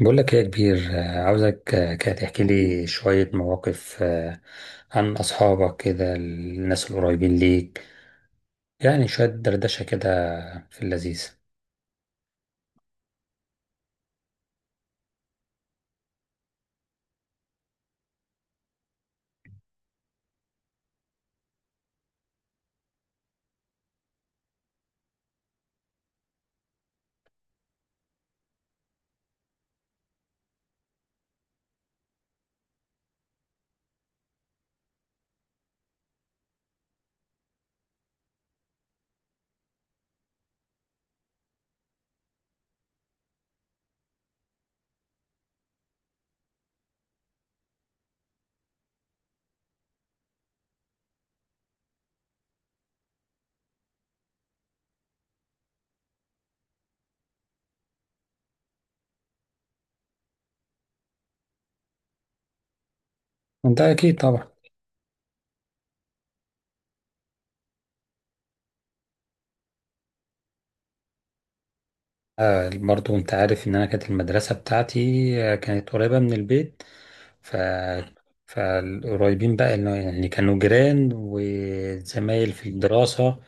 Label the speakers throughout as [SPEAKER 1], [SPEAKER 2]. [SPEAKER 1] بقول لك إيه يا كبير، عاوزك، كده تحكي لي شوية مواقف، عن أصحابك كده الناس القريبين ليك، يعني شوية دردشة كده في اللذيذ. وأنت أكيد طبعا. آه، برضو أنت عارف إن أنا كانت المدرسة بتاعتي كانت قريبة من البيت. ف فالقريبين بقى اللي هو يعني كانوا جيران وزمايل في الدراسة،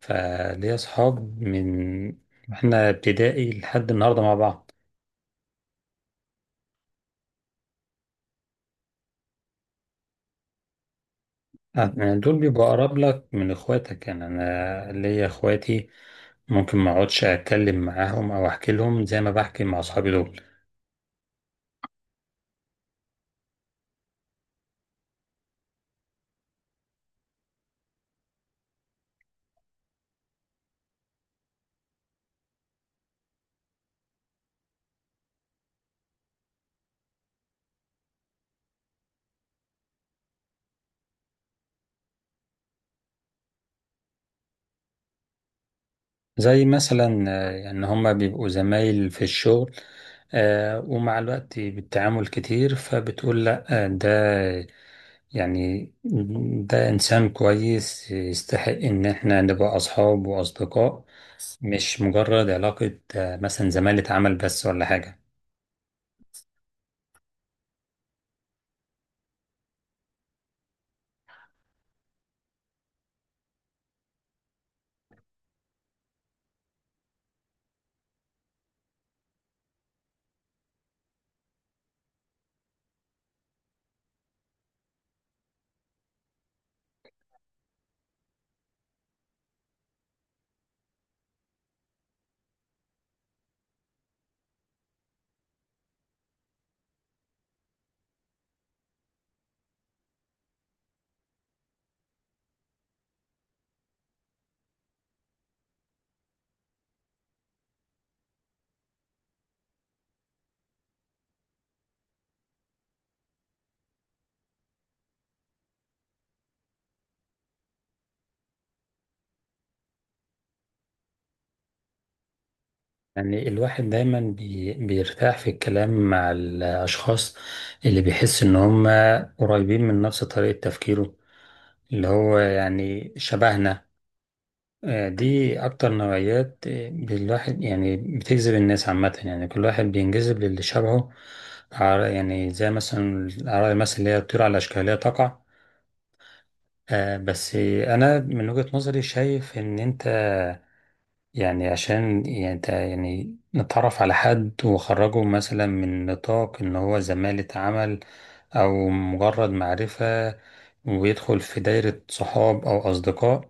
[SPEAKER 1] فليا أصحاب من إحنا ابتدائي لحد النهاردة مع بعض. آه، يعني دول بيبقوا أقرب لك من إخواتك، يعني أنا ليا إخواتي ممكن ما أقعدش أتكلم معاهم أو أحكي لهم زي ما بحكي مع أصحابي دول. زي مثلا يعني هما بيبقوا زمايل في الشغل، ومع الوقت بالتعامل كتير فبتقول لأ، ده يعني ده إنسان كويس يستحق إن إحنا نبقى أصحاب وأصدقاء. مش مجرد علاقة مثلا زمالة عمل بس ولا حاجة. يعني الواحد دايما بيرتاح في الكلام مع الأشخاص اللي بيحس إن هم قريبين من نفس طريقة تفكيره، اللي هو يعني شبهنا. دي أكتر نوعيات، الواحد يعني بتجذب الناس عامة، يعني كل واحد بينجذب للي شبهه. يعني زي مثلا الأعراض مثلا اللي هي الطيور على أشكالها تقع. بس أنا من وجهة نظري شايف إن أنت، يعني عشان يعني يعني نتعرف على حد وخرجه مثلا من نطاق ان هو زمالة عمل او مجرد معرفة ويدخل في دايرة صحاب او اصدقاء،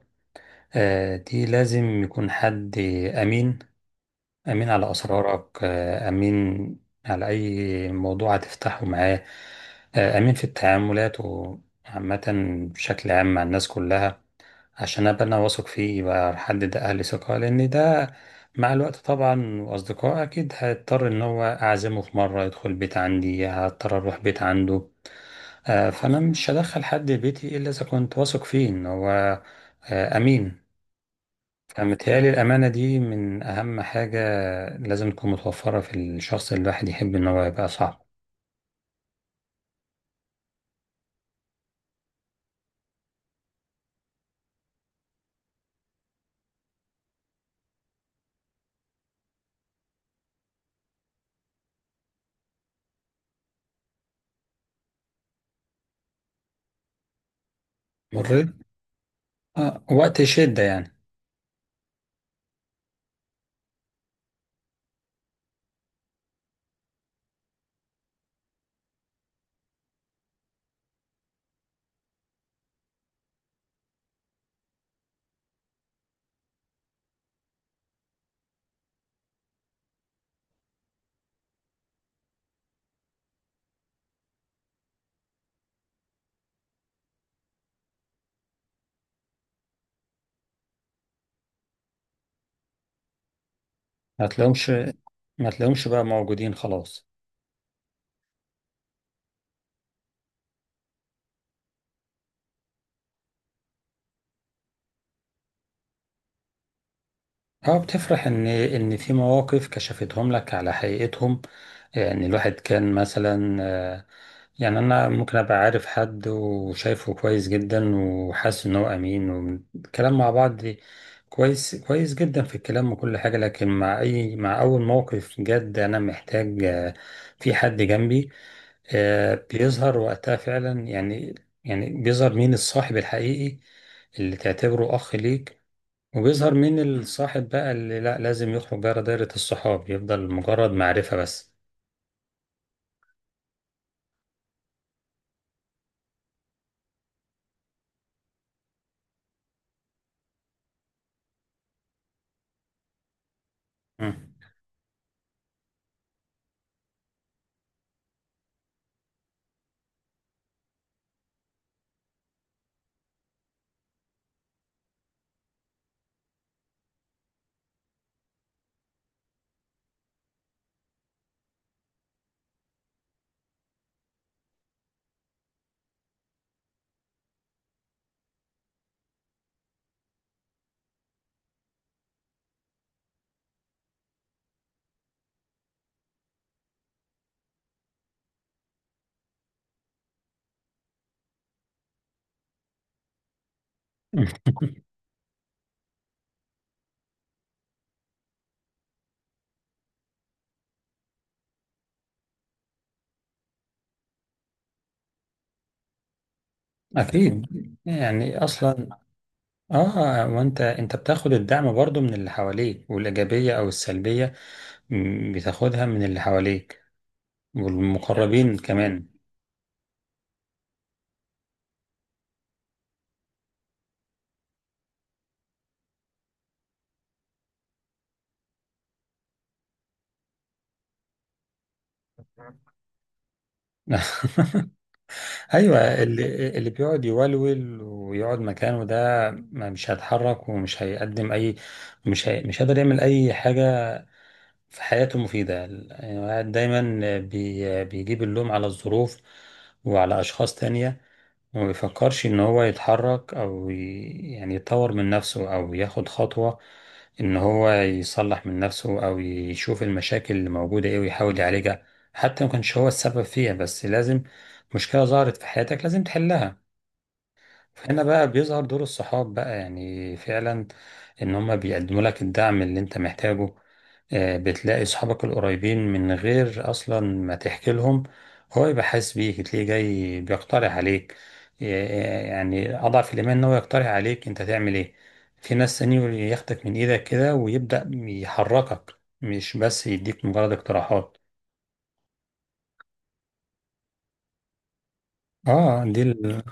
[SPEAKER 1] دي لازم يكون حد امين. امين على اسرارك، امين على اي موضوع هتفتحه معاه، امين في التعاملات وعامة بشكل عام مع الناس كلها، عشان ابقى انا واثق فيه يبقى حد ده اهل ثقة. لان ده مع الوقت طبعا واصدقائه اكيد هيضطر ان هو اعزمه في مرة يدخل بيت عندي، هضطر اروح بيت عنده. فانا مش هدخل حد بيتي الا اذا كنت واثق فيه ان هو امين. فمتهيألي الامانة دي من اهم حاجة لازم تكون متوفرة في الشخص اللي الواحد يحب ان هو يبقى صاحبه. مر، آه، وقت شدة يعني. ما تلاقيهمش ما تلاقيهمش بقى موجودين خلاص. اه، بتفرح ان في مواقف كشفتهم لك على حقيقتهم. يعني الواحد كان مثلا، يعني انا ممكن ابقى عارف حد وشايفه كويس جدا وحاسس ان هو امين، والكلام مع بعض كويس، كويس جدا في الكلام وكل حاجة، لكن مع اي، مع اول موقف جد انا محتاج في حد جنبي، بيظهر وقتها فعلا يعني. يعني بيظهر مين الصاحب الحقيقي اللي تعتبره اخ ليك، وبيظهر مين الصاحب بقى اللي لا لازم يخرج بره دايرة الصحاب يفضل مجرد معرفة بس. مم. أكيد، يعني أصلا. وأنت، أنت بتاخد الدعم برضو من اللي حواليك، والإيجابية أو السلبية بتاخدها من اللي حواليك والمقربين كمان. أيوة، اللي بيقعد يولول ويقعد مكانه ده مش هيتحرك ومش هيقدم أي، مش هيقدر يعمل أي حاجة في حياته مفيدة. يعني الواحد دايما بيجيب اللوم على الظروف وعلى أشخاص تانية، وما بيفكرش إن هو يتحرك أو يعني يطور من نفسه أو ياخد خطوة، إن هو يصلح من نفسه أو يشوف المشاكل اللي موجودة إيه ويحاول يعالجها. حتى لو مكانش هو السبب فيها بس لازم، مشكلة ظهرت في حياتك لازم تحلها. هنا بقى بيظهر دور الصحاب بقى يعني فعلا، ان هما بيقدموا لك الدعم اللي انت محتاجه. بتلاقي صحابك القريبين من غير اصلا ما تحكي لهم هو يبقى حاسس بيك، تلاقيه جاي بيقترح عليك، آه، يعني اضعف الايمان ان هو يقترح عليك انت تعمل ايه. في ناس تاني ياخدك من ايدك كده ويبدأ يحركك مش بس يديك مجرد اقتراحات. اه، دي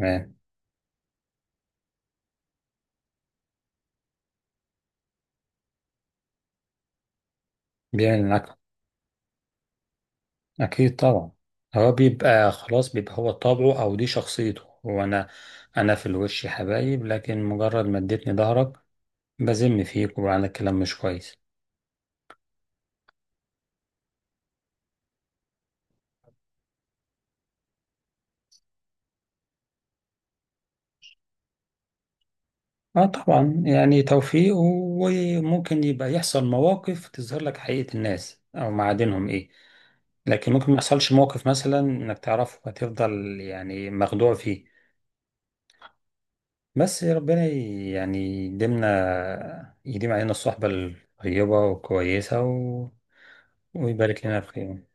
[SPEAKER 1] آه، بيعمل معاك. أكيد طبعا. هو بيبقى خلاص، بيبقى هو طبعه أو دي شخصيته، هو أنا، في الوش يا حبايب، لكن مجرد ما اديتني ظهرك بذم فيك وعلى كلام مش كويس. اه طبعا، يعني توفيق، وممكن يبقى يحصل مواقف تظهر لك حقيقة الناس أو معادنهم إيه، لكن ممكن ما يحصلش موقف مثلا إنك تعرفه هتفضل يعني مخدوع فيه. بس يا ربنا يعني يديمنا، يديم علينا الصحبة الطيبة والكويسة ويبارك لنا في خير